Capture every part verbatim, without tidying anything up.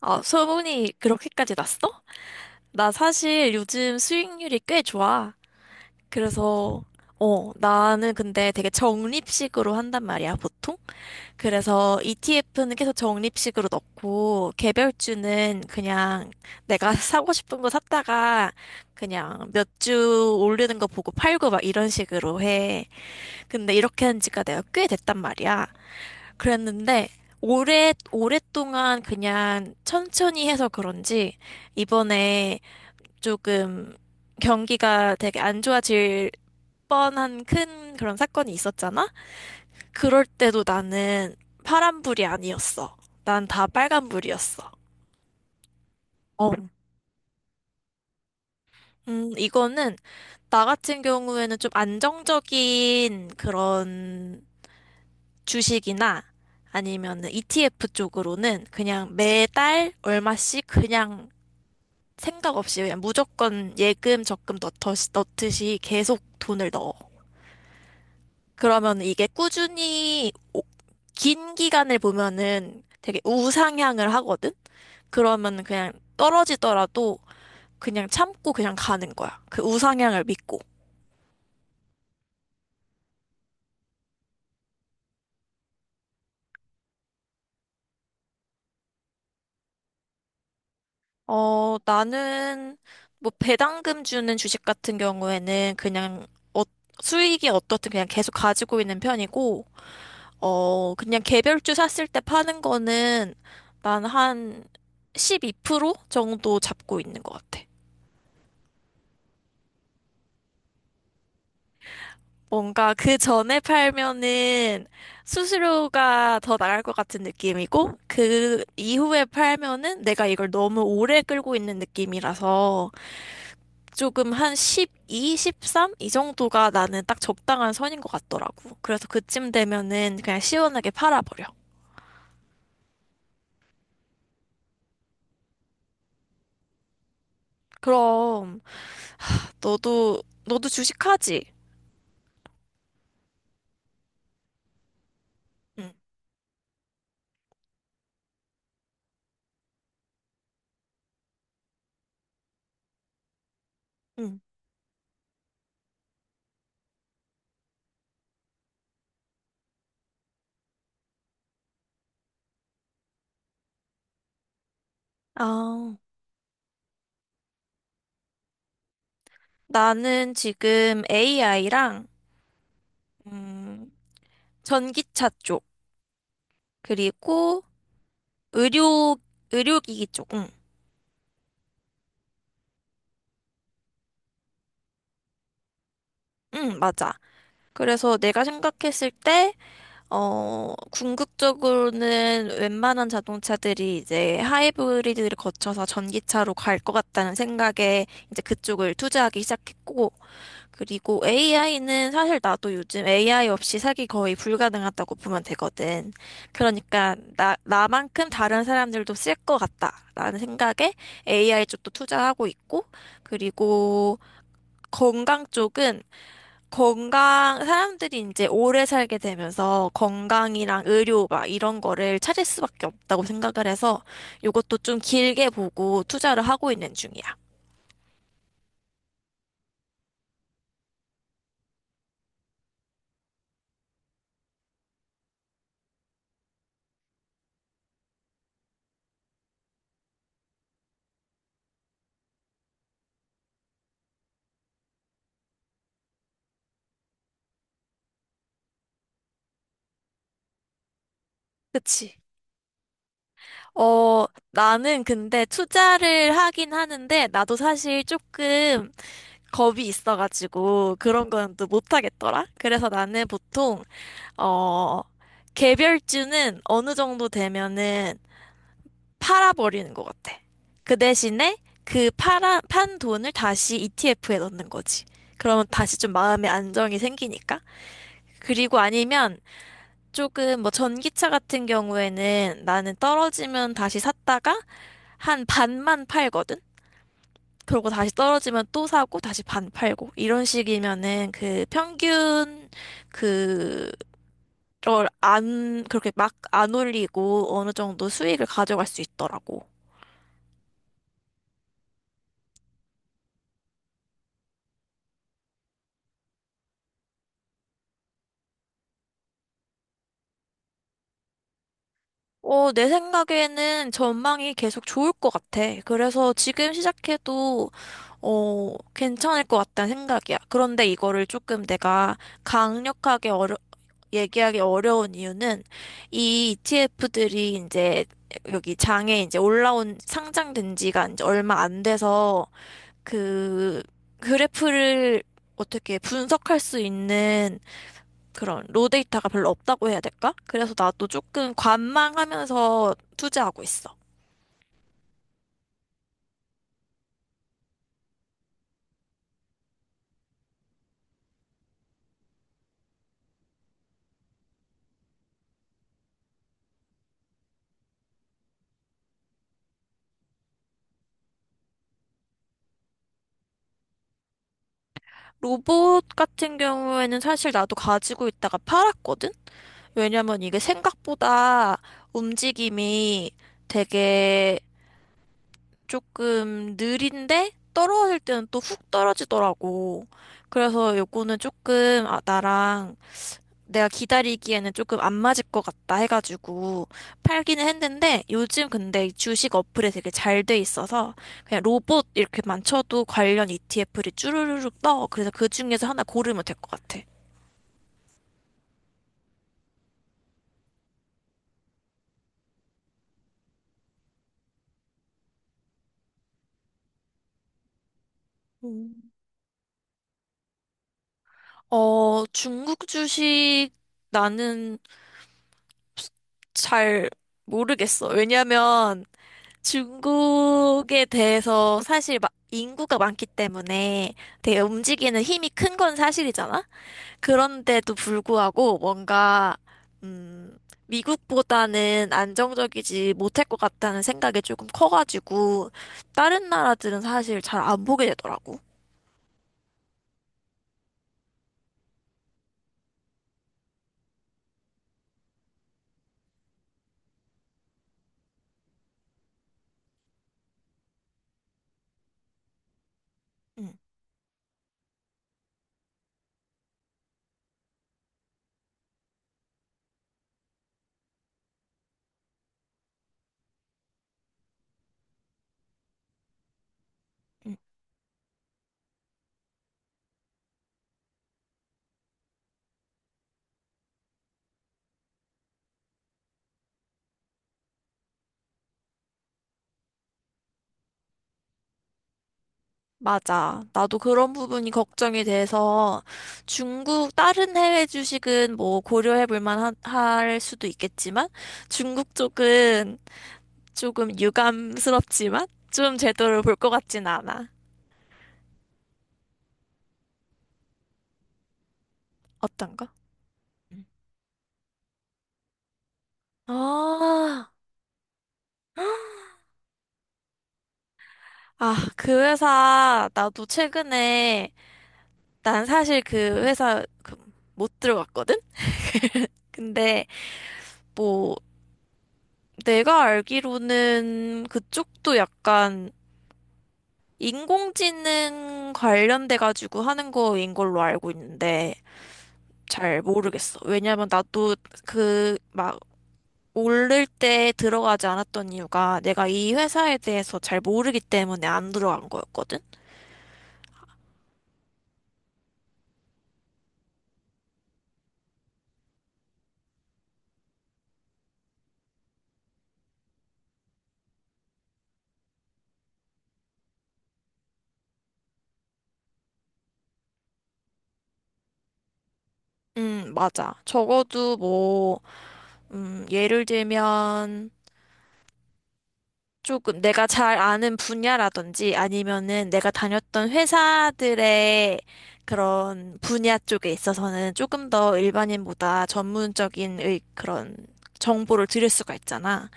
아, 소문이 그렇게까지 났어? 나 사실 요즘 수익률이 꽤 좋아. 그래서, 어, 나는 근데 되게 적립식으로 한단 말이야, 보통. 그래서 이티에프는 계속 적립식으로 넣고, 개별주는 그냥 내가 사고 싶은 거 샀다가, 그냥 몇 주 오르는 거 보고 팔고 막 이런 식으로 해. 근데 이렇게 한 지가 내가 꽤 됐단 말이야. 그랬는데 오래 오랫동안 그냥 천천히 해서 그런지 이번에 조금 경기가 되게 안 좋아질 뻔한 큰 그런 사건이 있었잖아? 그럴 때도 나는 파란불이 아니었어. 난 다 빨간불이었어. 어, 음, 이거는 나 같은 경우에는 좀 안정적인 그런 주식이나 아니면은 이티에프 쪽으로는 그냥 매달 얼마씩 그냥 생각 없이 그냥 무조건 예금, 적금 넣듯이, 넣듯이 계속 돈을 넣어. 그러면 이게 꾸준히 오- 긴 기간을 보면은 되게 우상향을 하거든? 그러면 그냥 떨어지더라도 그냥 참고 그냥 가는 거야. 그 우상향을 믿고. 어, 나는 뭐 배당금 주는 주식 같은 경우에는 그냥 어, 수익이 어떻든 그냥 계속 가지고 있는 편이고, 어, 그냥 개별주 샀을 때 파는 거는 난 한 십이 퍼센트 정도 잡고 있는 것 같아. 뭔가 그 전에 팔면은 수수료가 더 나갈 것 같은 느낌이고, 그 이후에 팔면은 내가 이걸 너무 오래 끌고 있는 느낌이라서 조금 한 십이, 십삼? 이 정도가 나는 딱 적당한 선인 것 같더라고. 그래서 그쯤 되면은 그냥 시원하게 팔아버려. 그럼 너도, 너도 주식하지? 응. 응. 아, 나는 지금 에이아이랑, 전기차 쪽, 그리고 의료, 의료기기 쪽, 응, 응, 맞아. 그래서 내가 생각했을 때, 어, 궁극적으로는 웬만한 자동차들이 이제 하이브리드를 거쳐서 전기차로 갈 것 같다는 생각에 이제 그쪽을 투자하기 시작했고, 그리고 에이아이는 사실 나도 요즘 에이아이 없이 살기 거의 불가능하다고 보면 되거든. 그러니까 나, 나만큼 다른 사람들도 쓸 것 같다라는 생각에 에이아이 쪽도 투자하고 있고, 그리고 건강 쪽은 건강, 사람들이 이제 오래 살게 되면서 건강이랑 의료 막 이런 거를 찾을 수밖에 없다고 생각을 해서 이것도 좀 길게 보고 투자를 하고 있는 중이야. 그치? 어, 나는 근데 투자를 하긴 하는데, 나도 사실 조금 겁이 있어가지고, 그런 건 또 못하겠더라? 그래서 나는 보통, 어, 개별주는 어느 정도 되면은 팔아버리는 것 같아. 그 대신에 그 팔아, 판 돈을 다시 이티에프에 넣는 거지. 그러면 다시 좀 마음의 안정이 생기니까. 그리고 아니면 조금 뭐 전기차 같은 경우에는 나는 떨어지면 다시 샀다가 한 반만 팔거든? 그러고 다시 떨어지면 또 사고 다시 반 팔고 이런 식이면은 그 평균 그걸 안 그렇게 막 안 올리고 어느 정도 수익을 가져갈 수 있더라고. 어, 내 생각에는 전망이 계속 좋을 것 같아. 그래서 지금 시작해도 어, 괜찮을 것 같다는 생각이야. 그런데 이거를 조금 내가 강력하게 어려 얘기하기 어려운 이유는 이 이티에프들이 이제 여기 장에 이제 올라온 상장된 지가 이제 얼마 안 돼서 그 그래프를 어떻게 분석할 수 있는 그런 로 데이터가 별로 없다고 해야 될까? 그래서 나도 조금 관망하면서 투자하고 있어. 로봇 같은 경우에는 사실 나도 가지고 있다가 팔았거든? 왜냐면 이게 생각보다 움직임이 되게 조금 느린데 떨어질 때는 또 훅 떨어지더라고. 그래서 요거는 조금 아, 나랑 내가 기다리기에는 조금 안 맞을 것 같다 해가지고 팔기는 했는데 요즘 근데 이 주식 어플에 되게 잘 돼 있어서 그냥 로봇 이렇게만 쳐도 관련 이티에프를 쭈루루룩 떠. 그래서 그 중에서 하나 고르면 될 것 같아. 음. 어, 중국 주식 나는 잘 모르겠어. 왜냐면 중국에 대해서 사실 막 인구가 많기 때문에 되게 움직이는 힘이 큰 건 사실이잖아? 그런데도 불구하고 뭔가, 음, 미국보다는 안정적이지 못할 것 같다는 생각이 조금 커가지고, 다른 나라들은 사실 잘 안 보게 되더라고. 응, 응. 맞아. 나도 그런 부분이 걱정이 돼서 중국 다른 해외 주식은 뭐 고려해 볼 만할 수도 있겠지만 중국 쪽은 조금 유감스럽지만 좀 제대로 볼 것 같진 않아. 어떤 거? 음. 아, 아, 그 회사 나도 최근에 난 사실 그 회사 그 못 들어갔거든? 근데 뭐 내가 알기로는 그쪽도 약간 인공지능 관련돼 가지고 하는 거인 걸로 알고 있는데 잘 모르겠어. 왜냐면 나도 그 막 오를 때 들어가지 않았던 이유가 내가 이 회사에 대해서 잘 모르기 때문에 안 들어간 거였거든. 음, 맞아. 적어도 뭐, 음, 예를 들면 조금 내가 잘 아는 분야라든지 아니면은 내가 다녔던 회사들의 그런 분야 쪽에 있어서는 조금 더 일반인보다 전문적인 의- 그런 정보를 드릴 수가 있잖아.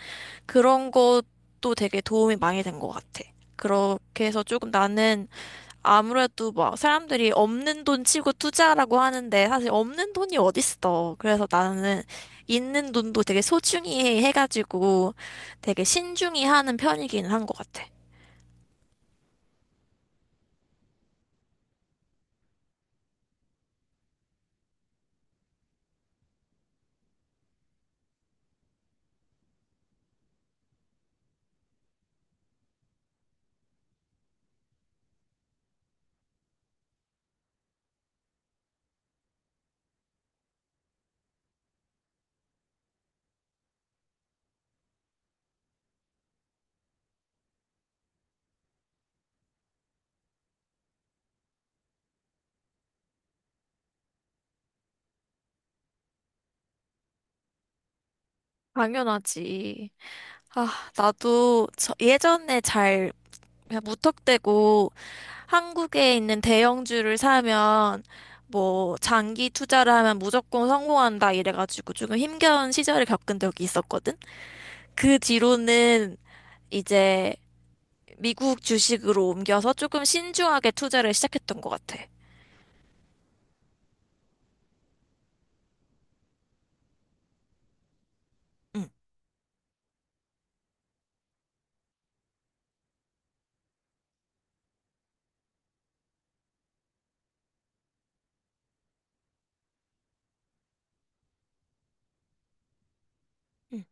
그런 것도 되게 도움이 많이 된 것 같아. 그렇게 해서 조금 나는 아무래도 막 사람들이 없는 돈 치고 투자라고 하는데 사실 없는 돈이 어딨어. 그래서 나는 있는 돈도 되게 소중히 해가지고 되게 신중히 하는 편이긴 한 것 같아. 당연하지. 아, 나도 저 예전에 잘 그냥 무턱대고 한국에 있는 대형주를 사면 뭐 장기 투자를 하면 무조건 성공한다 이래가지고 조금 힘겨운 시절을 겪은 적이 있었거든. 그 뒤로는 이제 미국 주식으로 옮겨서 조금 신중하게 투자를 시작했던 것 같아. 응. 응.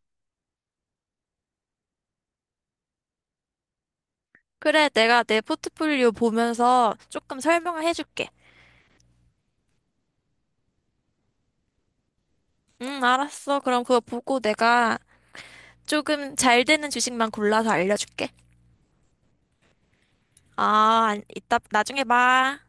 그래, 내가 내 포트폴리오 보면서 조금 설명을 해줄게. 응, 알았어. 그럼 그거 보고 내가 조금 잘 되는 주식만 골라서 알려줄게. 아, 안- 이따, 나중에 봐.